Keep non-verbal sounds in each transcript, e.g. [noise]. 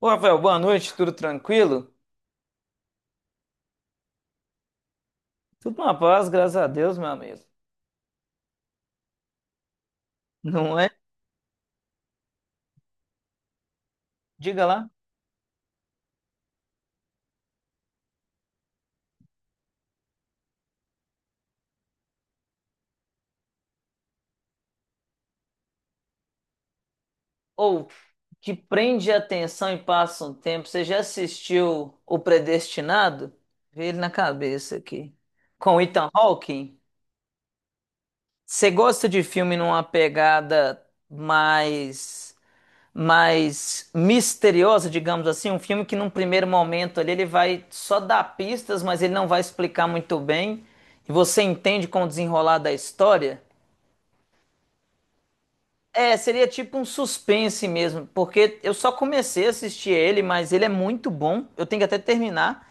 Ô, Rafael, boa noite, tudo tranquilo? Tudo na paz, graças a Deus, meu amigo. Não é? Diga lá. Ou, que prende a atenção e passa um tempo, você já assistiu O Predestinado? Vê ele na cabeça aqui. Com Ethan Hawke? Você gosta de filme numa pegada mais. mais misteriosa, digamos assim, um filme que num primeiro momento ali ele vai só dar pistas, mas ele não vai explicar muito bem, e você entende com o desenrolar da história. É, seria tipo um suspense mesmo, porque eu só comecei a assistir ele, mas ele é muito bom. Eu tenho que até terminar.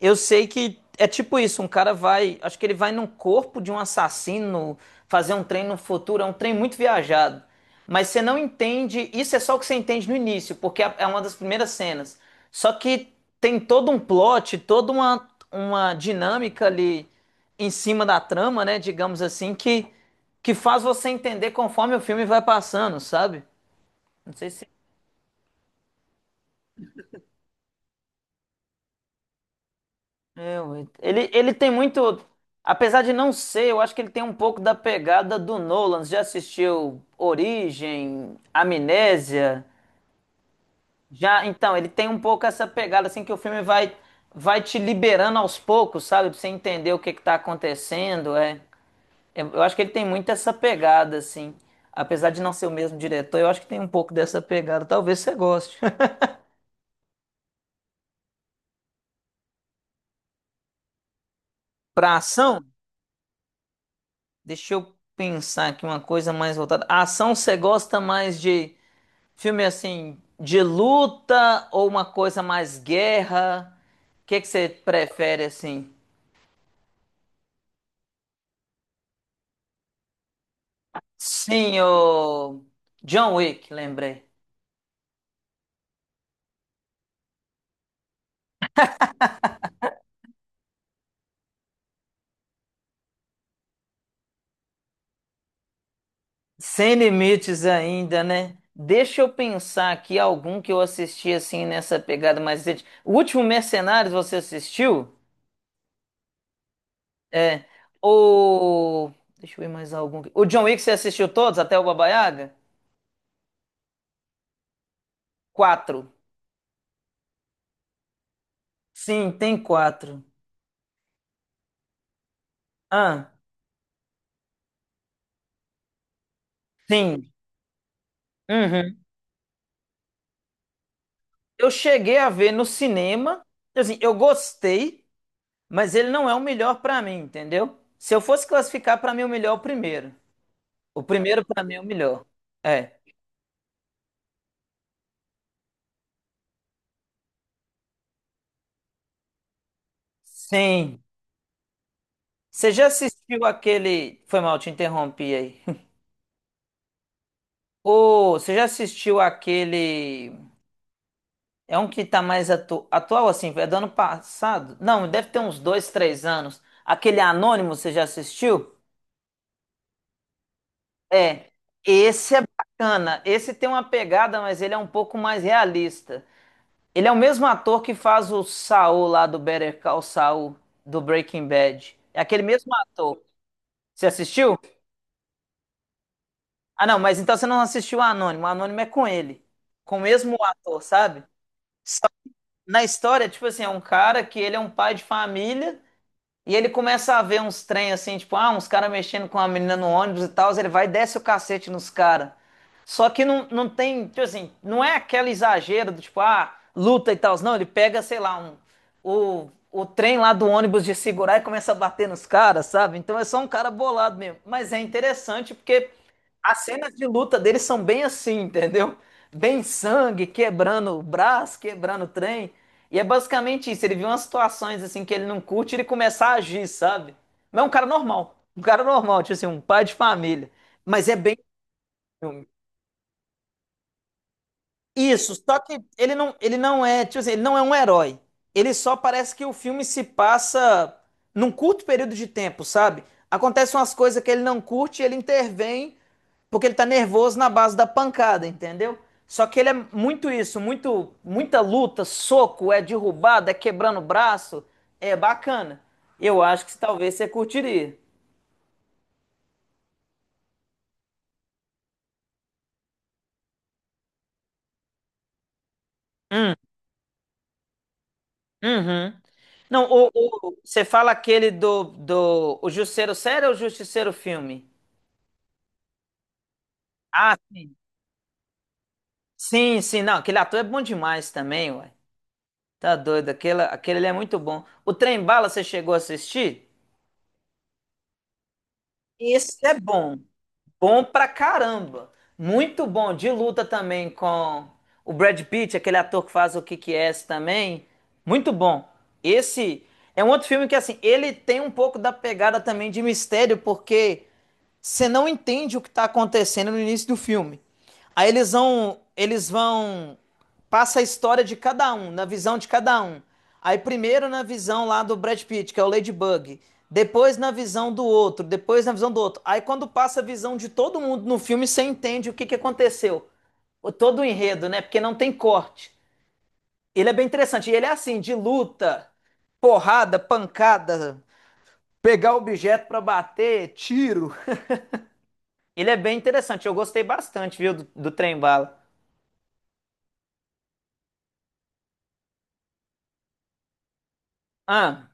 Eu sei que é tipo isso, um cara vai, acho que ele vai no corpo de um assassino fazer um trem no futuro, é um trem muito viajado. Mas você não entende, isso é só o que você entende no início, porque é uma das primeiras cenas. Só que tem todo um plot, toda uma dinâmica ali em cima da trama, né, digamos assim, que faz você entender conforme o filme vai passando, sabe? Não sei se. É, ué. Ele tem muito. Apesar de não ser, eu acho que ele tem um pouco da pegada do Nolan. Você já assistiu Origem, Amnésia? Já, então, ele tem um pouco essa pegada, assim, que o filme vai te liberando aos poucos, sabe? Pra você entender o que que tá acontecendo. É, eu acho que ele tem muito essa pegada, assim. Apesar de não ser o mesmo diretor, eu acho que tem um pouco dessa pegada. Talvez você goste. [laughs] Pra ação, deixa eu pensar aqui uma coisa mais voltada. A ação você gosta mais de. Filme assim de luta ou uma coisa mais guerra? O que é que você prefere assim? Sim, o John Wick, lembrei. Sem limites ainda, né? Deixa eu pensar aqui algum que eu assisti assim nessa pegada mais recente. O último Mercenários você assistiu? É. O. Deixa eu ver mais algum. O John Wick você assistiu todos até o Baba Yaga? Quatro. Sim, tem quatro. Ah, sim. Uhum. Eu cheguei a ver no cinema, assim, eu gostei, mas ele não é o melhor pra mim, entendeu? Se eu fosse classificar pra mim o melhor é o primeiro. O primeiro pra mim é o melhor. É. Sim. Você já assistiu aquele, foi mal, te interrompi aí. [laughs] Ô, você já assistiu aquele, é um que tá mais atu... atual assim, é do ano passado? Não, deve ter uns dois, três anos. Aquele Anônimo, você já assistiu? É, esse é bacana. Esse tem uma pegada, mas ele é um pouco mais realista. Ele é o mesmo ator que faz o Saul lá do Better Call Saul do Breaking Bad. É aquele mesmo ator. Você assistiu? Ah, não, mas então você não assistiu o Anônimo. O Anônimo é com ele, com o mesmo ator, sabe? Só- Na história, tipo assim, é um cara que ele é um pai de família. E ele começa a ver uns trem assim, tipo, ah, uns caras mexendo com uma menina no ônibus e tal, ele vai e desce o cacete nos caras. Só que não, não tem, tipo assim, não é aquele exagero do tipo, ah, luta e tal. Não, ele pega, sei lá, o trem lá do ônibus de segurar e começa a bater nos caras, sabe? Então é só um cara bolado mesmo. Mas é interessante porque as cenas de luta dele são bem assim, entendeu? Bem sangue, quebrando o braço, quebrando o trem. E é basicamente isso, ele viu umas situações assim que ele não curte e ele começar a agir, sabe? Mas é um cara normal, tipo assim, um pai de família. Mas é bem. Isso, só que ele não é, tipo assim, ele não é um herói. Ele só parece que o filme se passa num curto período de tempo, sabe? Acontecem umas coisas que ele não curte e ele intervém porque ele tá nervoso na base da pancada, entendeu? Só que ele é muito isso, muito, muita luta, soco, é derrubado, é quebrando o braço, é bacana. Eu acho que talvez você curtiria. Hum, uhum. Não, o, você fala aquele do o Justiceiro Sério ou o Justiceiro Filme? Ah, sim. Sim, sim, não, aquele ator é bom demais também, ué. Tá doido, aquele, aquele ali é muito bom. O Trem Bala, você chegou a assistir? Esse é bom. Bom pra caramba. Muito bom. De luta também com o Brad Pitt, aquele ator que faz o Kick Ass também. Muito bom. Esse é um outro filme que, assim, ele tem um pouco da pegada também de mistério, porque você não entende o que está acontecendo no início do filme. Aí eles vão, passa a história de cada um, na visão de cada um. Aí primeiro na visão lá do Brad Pitt, que é o Ladybug. Depois na visão do outro, depois na visão do outro. Aí quando passa a visão de todo mundo no filme, você entende o que aconteceu. O, todo o enredo, né? Porque não tem corte. Ele é bem interessante. E ele é assim, de luta, porrada, pancada, pegar objeto pra bater, tiro. Ele é bem interessante. Eu gostei bastante, viu, do Trem Bala. Ah,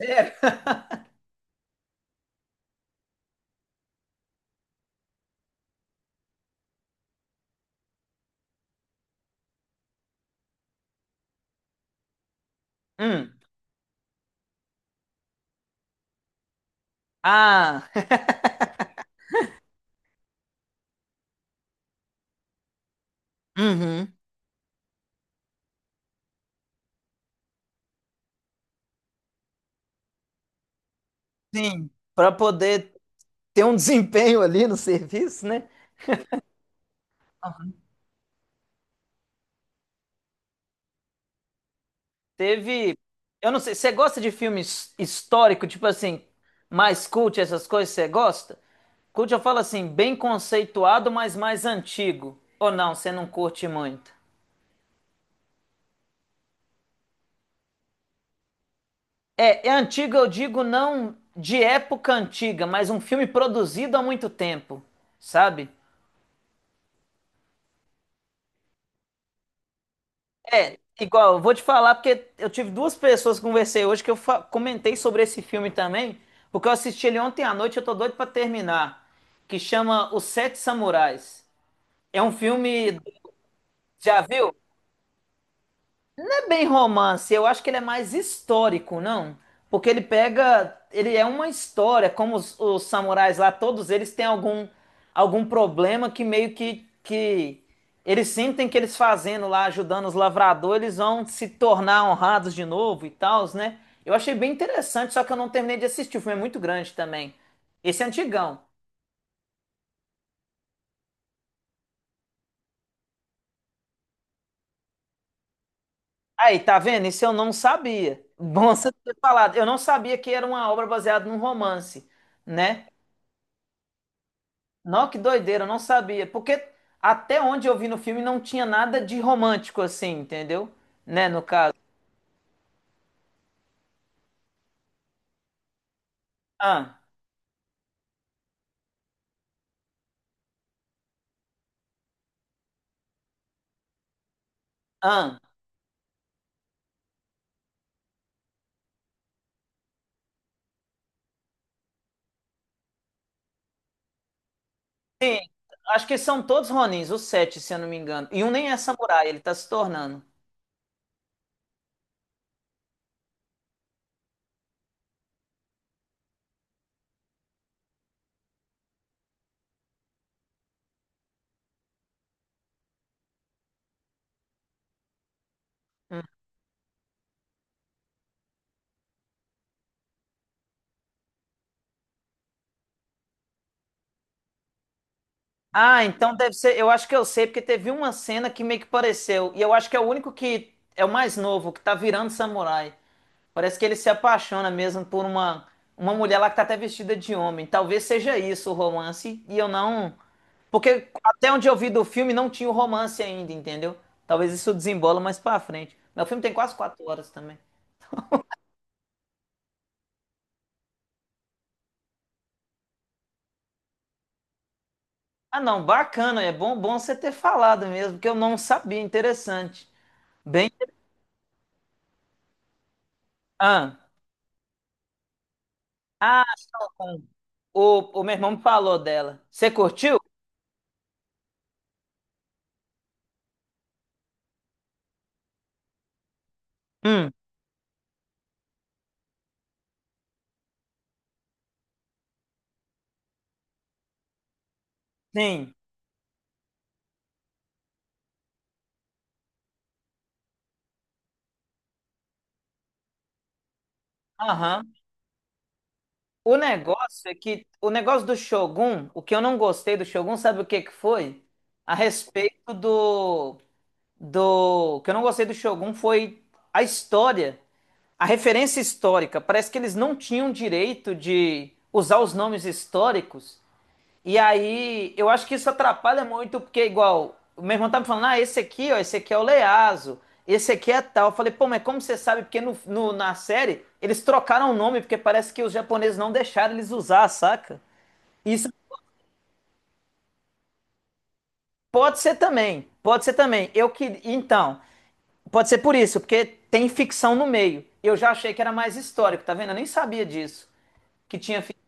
é, hum, ah, [laughs] uhum, sim. Pra poder ter um desempenho ali no serviço, né? Teve. Eu não sei, você gosta de filme histórico, tipo assim, mais cult, essas coisas, você gosta? Cult eu falo assim, bem conceituado, mas mais antigo. Ou não, você não curte muito? É, é antigo, eu digo não de época antiga, mas um filme produzido há muito tempo, sabe? É, igual, eu vou te falar porque eu tive duas pessoas que conversei hoje que eu comentei sobre esse filme também, porque eu assisti ele ontem à noite, eu tô doido pra terminar, que chama Os Sete Samurais. É um filme, já viu? É bem romance, eu acho que ele é mais histórico, não? Porque ele pega, ele é uma história, como os samurais lá, todos eles têm algum problema que meio que eles sentem que eles fazendo lá, ajudando os lavradores, eles vão se tornar honrados de novo e tal, né? Eu achei bem interessante, só que eu não terminei de assistir, o filme é muito grande também. Esse é antigão. Aí, tá vendo? Isso eu não sabia. Bom você ter falado. Eu não sabia que era uma obra baseada num romance, né? Não, que doideira, eu não sabia. Porque até onde eu vi no filme não tinha nada de romântico assim, entendeu? Né, no caso. Ah, ah. Sim, acho que são todos Ronins, os sete, se eu não me engano. E um nem é samurai, ele tá se tornando. Ah, então deve ser. Eu acho que eu sei, porque teve uma cena que meio que pareceu. E eu acho que é o único que é o mais novo, que tá virando samurai. Parece que ele se apaixona mesmo por uma mulher lá que tá até vestida de homem. Talvez seja isso o romance. E eu não. Porque até onde eu vi do filme não tinha o romance ainda, entendeu? Talvez isso desembola mais pra frente. Mas o filme tem quase quatro horas também. Ah, não, bacana. É bom, bom você ter falado mesmo, porque eu não sabia. Interessante. Bem. Ah. Ah, Stockholm. O meu irmão me falou dela. Você curtiu? Hum, Sim. Aham. O negócio é que o negócio do Shogun, o que eu não gostei do Shogun, sabe o que que foi? A respeito do o que eu não gostei do Shogun foi a história, a referência histórica. Parece que eles não tinham direito de usar os nomes históricos. E aí, eu acho que isso atrapalha muito, porque igual, o meu irmão tá me falando, ah, esse aqui, ó, esse aqui é o Leazo, esse aqui é tal. Eu falei, pô, mas como você sabe? Porque na série, eles trocaram o nome, porque parece que os japoneses não deixaram eles usar, saca? Isso pode ser também, pode ser também. Eu que, então, pode ser por isso, porque tem ficção no meio. Eu já achei que era mais histórico, tá vendo? Eu nem sabia disso, que tinha ficção.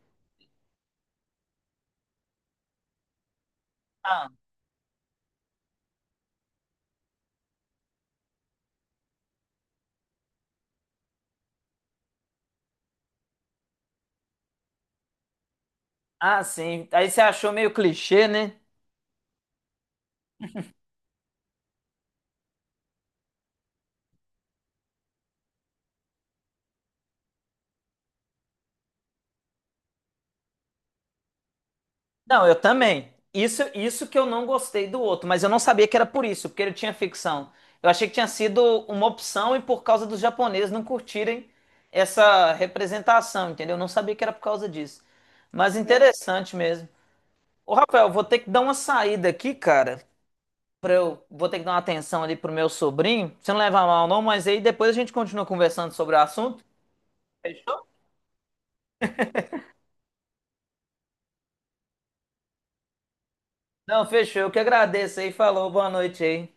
Ah, ah, sim. Aí você achou meio clichê, né? Não, eu também. Isso que eu não gostei do outro, mas eu não sabia que era por isso, porque ele tinha ficção. Eu achei que tinha sido uma opção e por causa dos japoneses não curtirem essa representação, entendeu? Eu não sabia que era por causa disso. Mas interessante mesmo. Ô, Rafael, vou ter que dar uma saída aqui, cara, pra eu vou ter que dar uma atenção ali pro meu sobrinho. Você não leva mal não, mas aí depois a gente continua conversando sobre o assunto. Fechou? Não, fechou. Eu que agradeço aí. Falou, boa noite aí.